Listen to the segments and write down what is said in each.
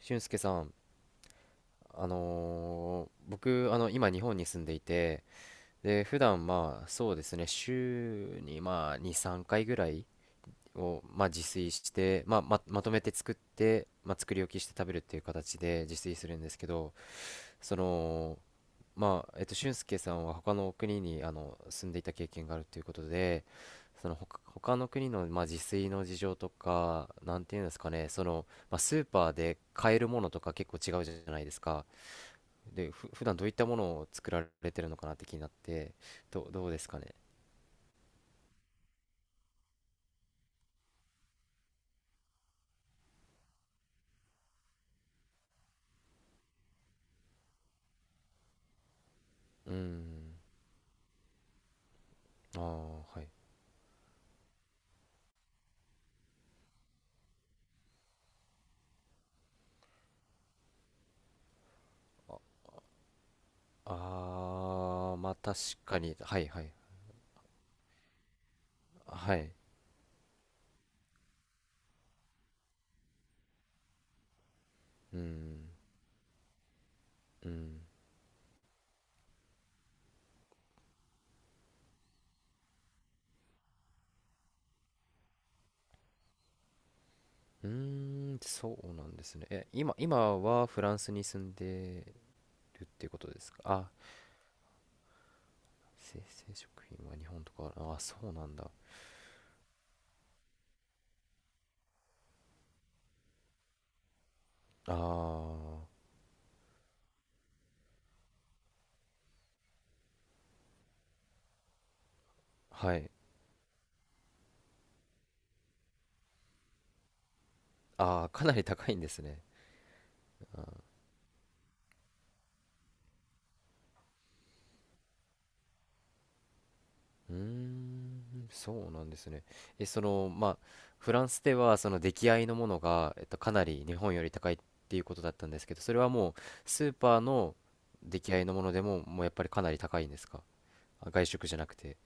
俊介さん、あのー僕、あの、今日本に住んでいて、で、普段まあ、そうですね、週にまあ、2、3回ぐらいを、まあ、自炊して、まあ、まとめて作って、まあ、作り置きして食べるっていう形で自炊するんですけど、その、俊介さんは他の国に、住んでいた経験があるということで、その他、他の国の、まあ、自炊の事情とか、なんていうんですかね、その、まあ、スーパーで買えるものとか結構違うじゃないですか。で、普段どういったものを作られてるのかなって気になって、どうですかね。うーん。ああ、はい。ああ、まあ確かに。はいはい。はい。うん。うん。うーん、そうなんですね。え、今はフランスに住んでるっていうことですか。あ、生成食品は日本とか、あ、そうなんだ。ああ、はい。ああ、かなり高いんですね。うーん、そうなんですね。え、その、まあ、フランスでは、その出来合いのものが、えっと、かなり日本より高いっていうことだったんですけど、それはもう、スーパーの出来合いのものでも、もうやっぱりかなり高いんですか？あ、外食じゃなくて。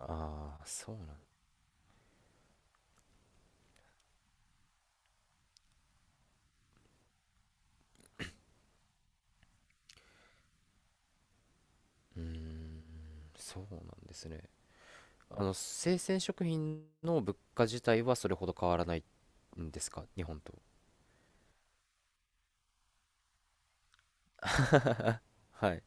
ああ、そうなん、うーん、そうなんですね。あの、生鮮食品の物価自体はそれほど変わらないんですか、日本と。はい。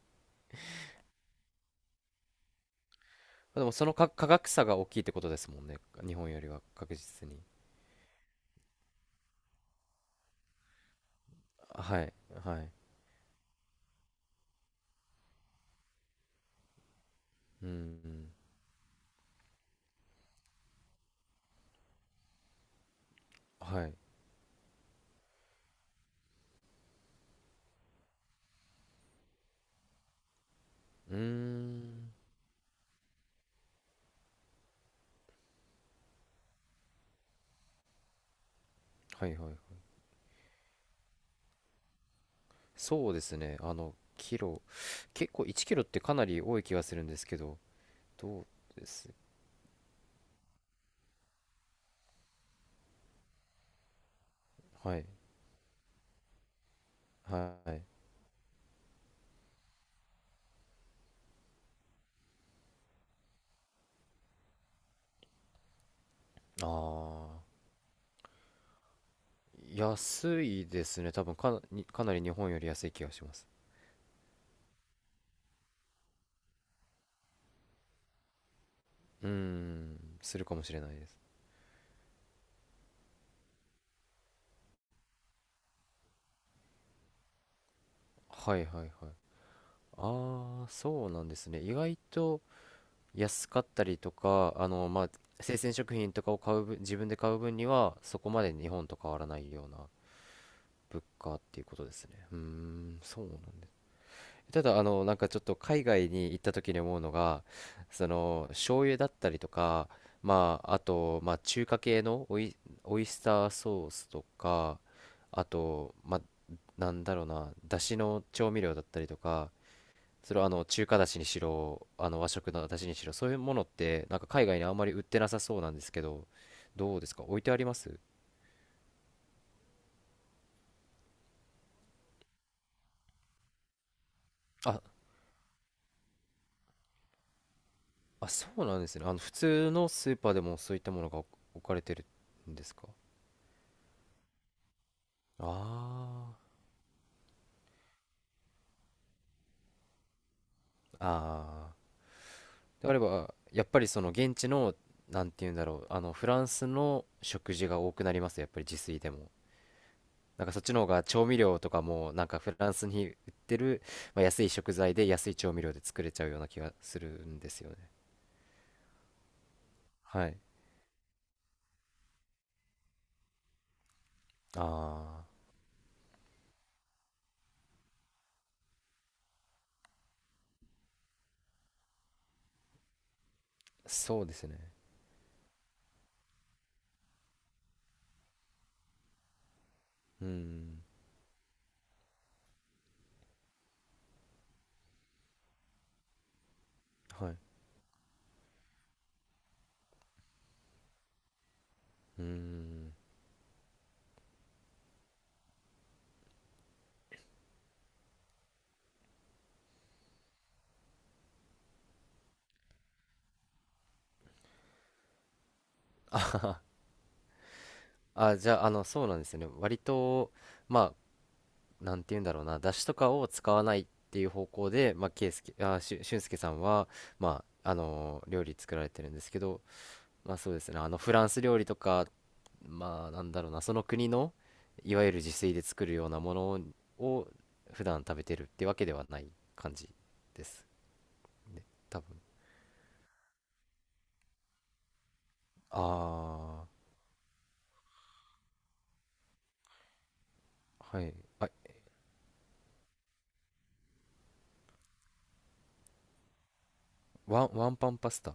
でも、その価格差が大きいってことですもんね。日本よりは確実に。はい、はい。うん、はい。うーん、はいはいはい。そうですね。あの、キロ、結構1キロってかなり多い気がするんですけど、どうです？はい、はい。あー、安いですね。多分かな、にかなり日本より安い気がします。うーん、するかもしれないです。はいはいはい。ああ、そうなんですね。意外と安かったりとか、あの、まあ、生鮮食品とかを買う分、自分で買う分には、そこまで日本と変わらないようなプかっていうことですね。うーん、そうなんです。ただ、あの、なんかちょっと海外に行った時に思うのが、その、醤油だったりとか、まあ、あと、まあ、中華系のオイスターソースとか、あと、まあ、なんだろうな、だしの調味料だったりとか、それはあの、中華だしにしろ、あの、和食のだしにしろ、そういうものって、なんか海外にあんまり売ってなさそうなんですけど、どうですか、置いてあります？あ、あ、そうなんですね。あの、普通のスーパーでもそういったものが置かれてるんですか？ああ、ああ。であれば、やっぱりその現地の、なんて言うんだろう、あの、フランスの食事が多くなります、やっぱり自炊でも。なんかそっちの方が調味料とかも、なんかフランスに売ってる、まあ、安い食材で安い調味料で作れちゃうような気がするんですよね。はい。ああ、そうですね。うん。はい。うん。あ、じゃあ、あの、そうなんですよね。割と、まあ、なんて言うんだろうな、出汁とかを使わないっていう方向で、まあ、圭介、あ、しゅ、俊介さんは、まあ、あの、料理作られてるんですけど、まあそうですね、あの、フランス料理とか、まあ、なんだろうな、その国の、いわゆる自炊で作るようなものを、普段食べてるってわけではない感じですね、多分。ああ、はい。あ、ワンパンパスタ。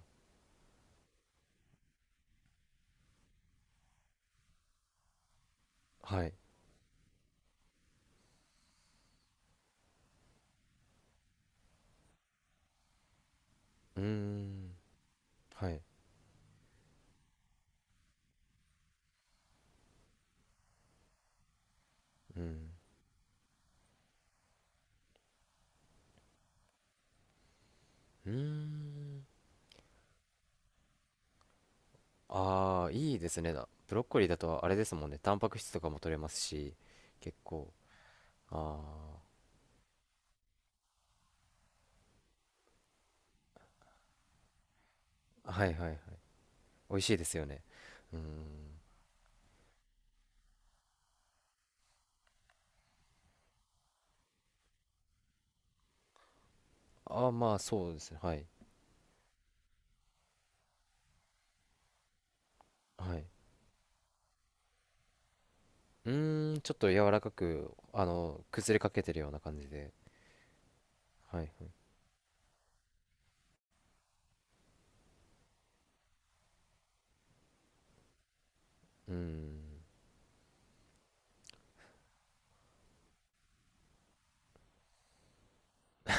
はい。うーん。はい。うん。うーん。ああ、いいですね。だブロッコリーだとあれですもんね。タンパク質とかも取れますし、結構。ああ、はいはいはい。美味しいですよね。うーん。ああ、まあそうですね。はい。はい。うーん、ちょっと柔らかく、あの、崩れかけてるような感じで。はいはい。うーん。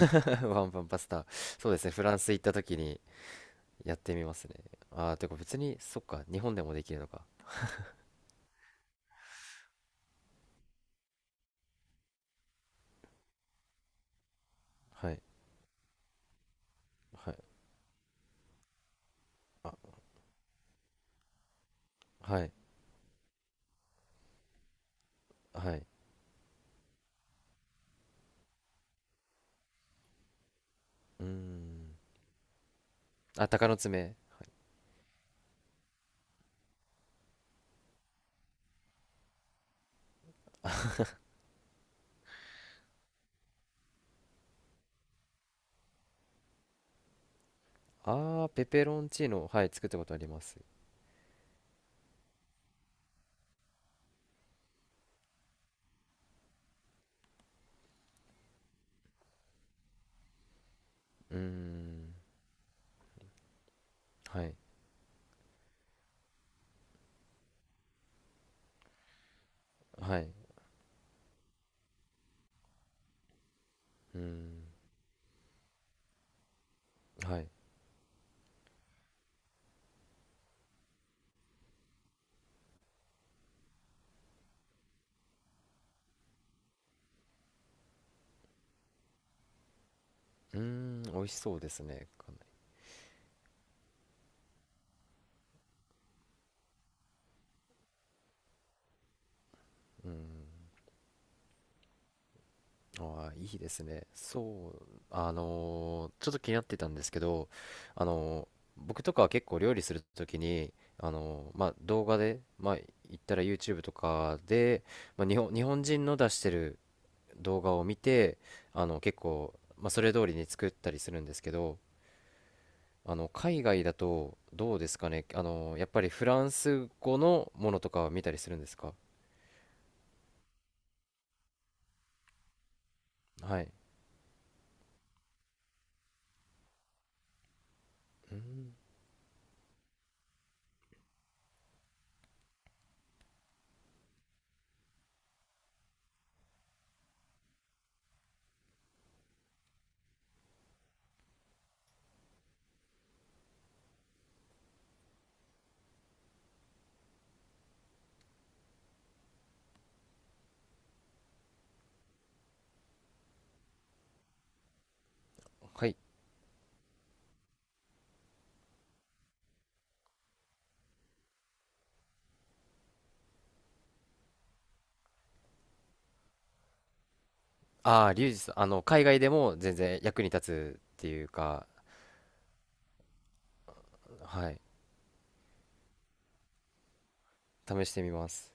ワンパンパスタ。そうですね。フランス行った時にやってみますね。ああ、てか別に、そっか。日本でもできるのか。はい。はい。あ、はい。はい。うーん。あ、鷹の爪。ああ、ペペロンチーノ。はい、作ったことあります。うーん。はい。はい。うーん。はい。うーん。美味しそうですね。かなり。うーん。ああいいですね。そう。あのーちょっと気になってたんですけど、あのー僕とかは結構料理するときに、あのーまあ、動画で、まあ、言ったら YouTube とかで、まあ、日本人の出してる動画を見て、あの、結構、まあ、それ通りに作ったりするんですけど、あの海外だとどうですかね、あのやっぱりフランス語のものとかは見たりするんですか？はい。うん。はい。ああ、リュウジさん、あの海外でも全然役に立つっていうか、はい。試してみます。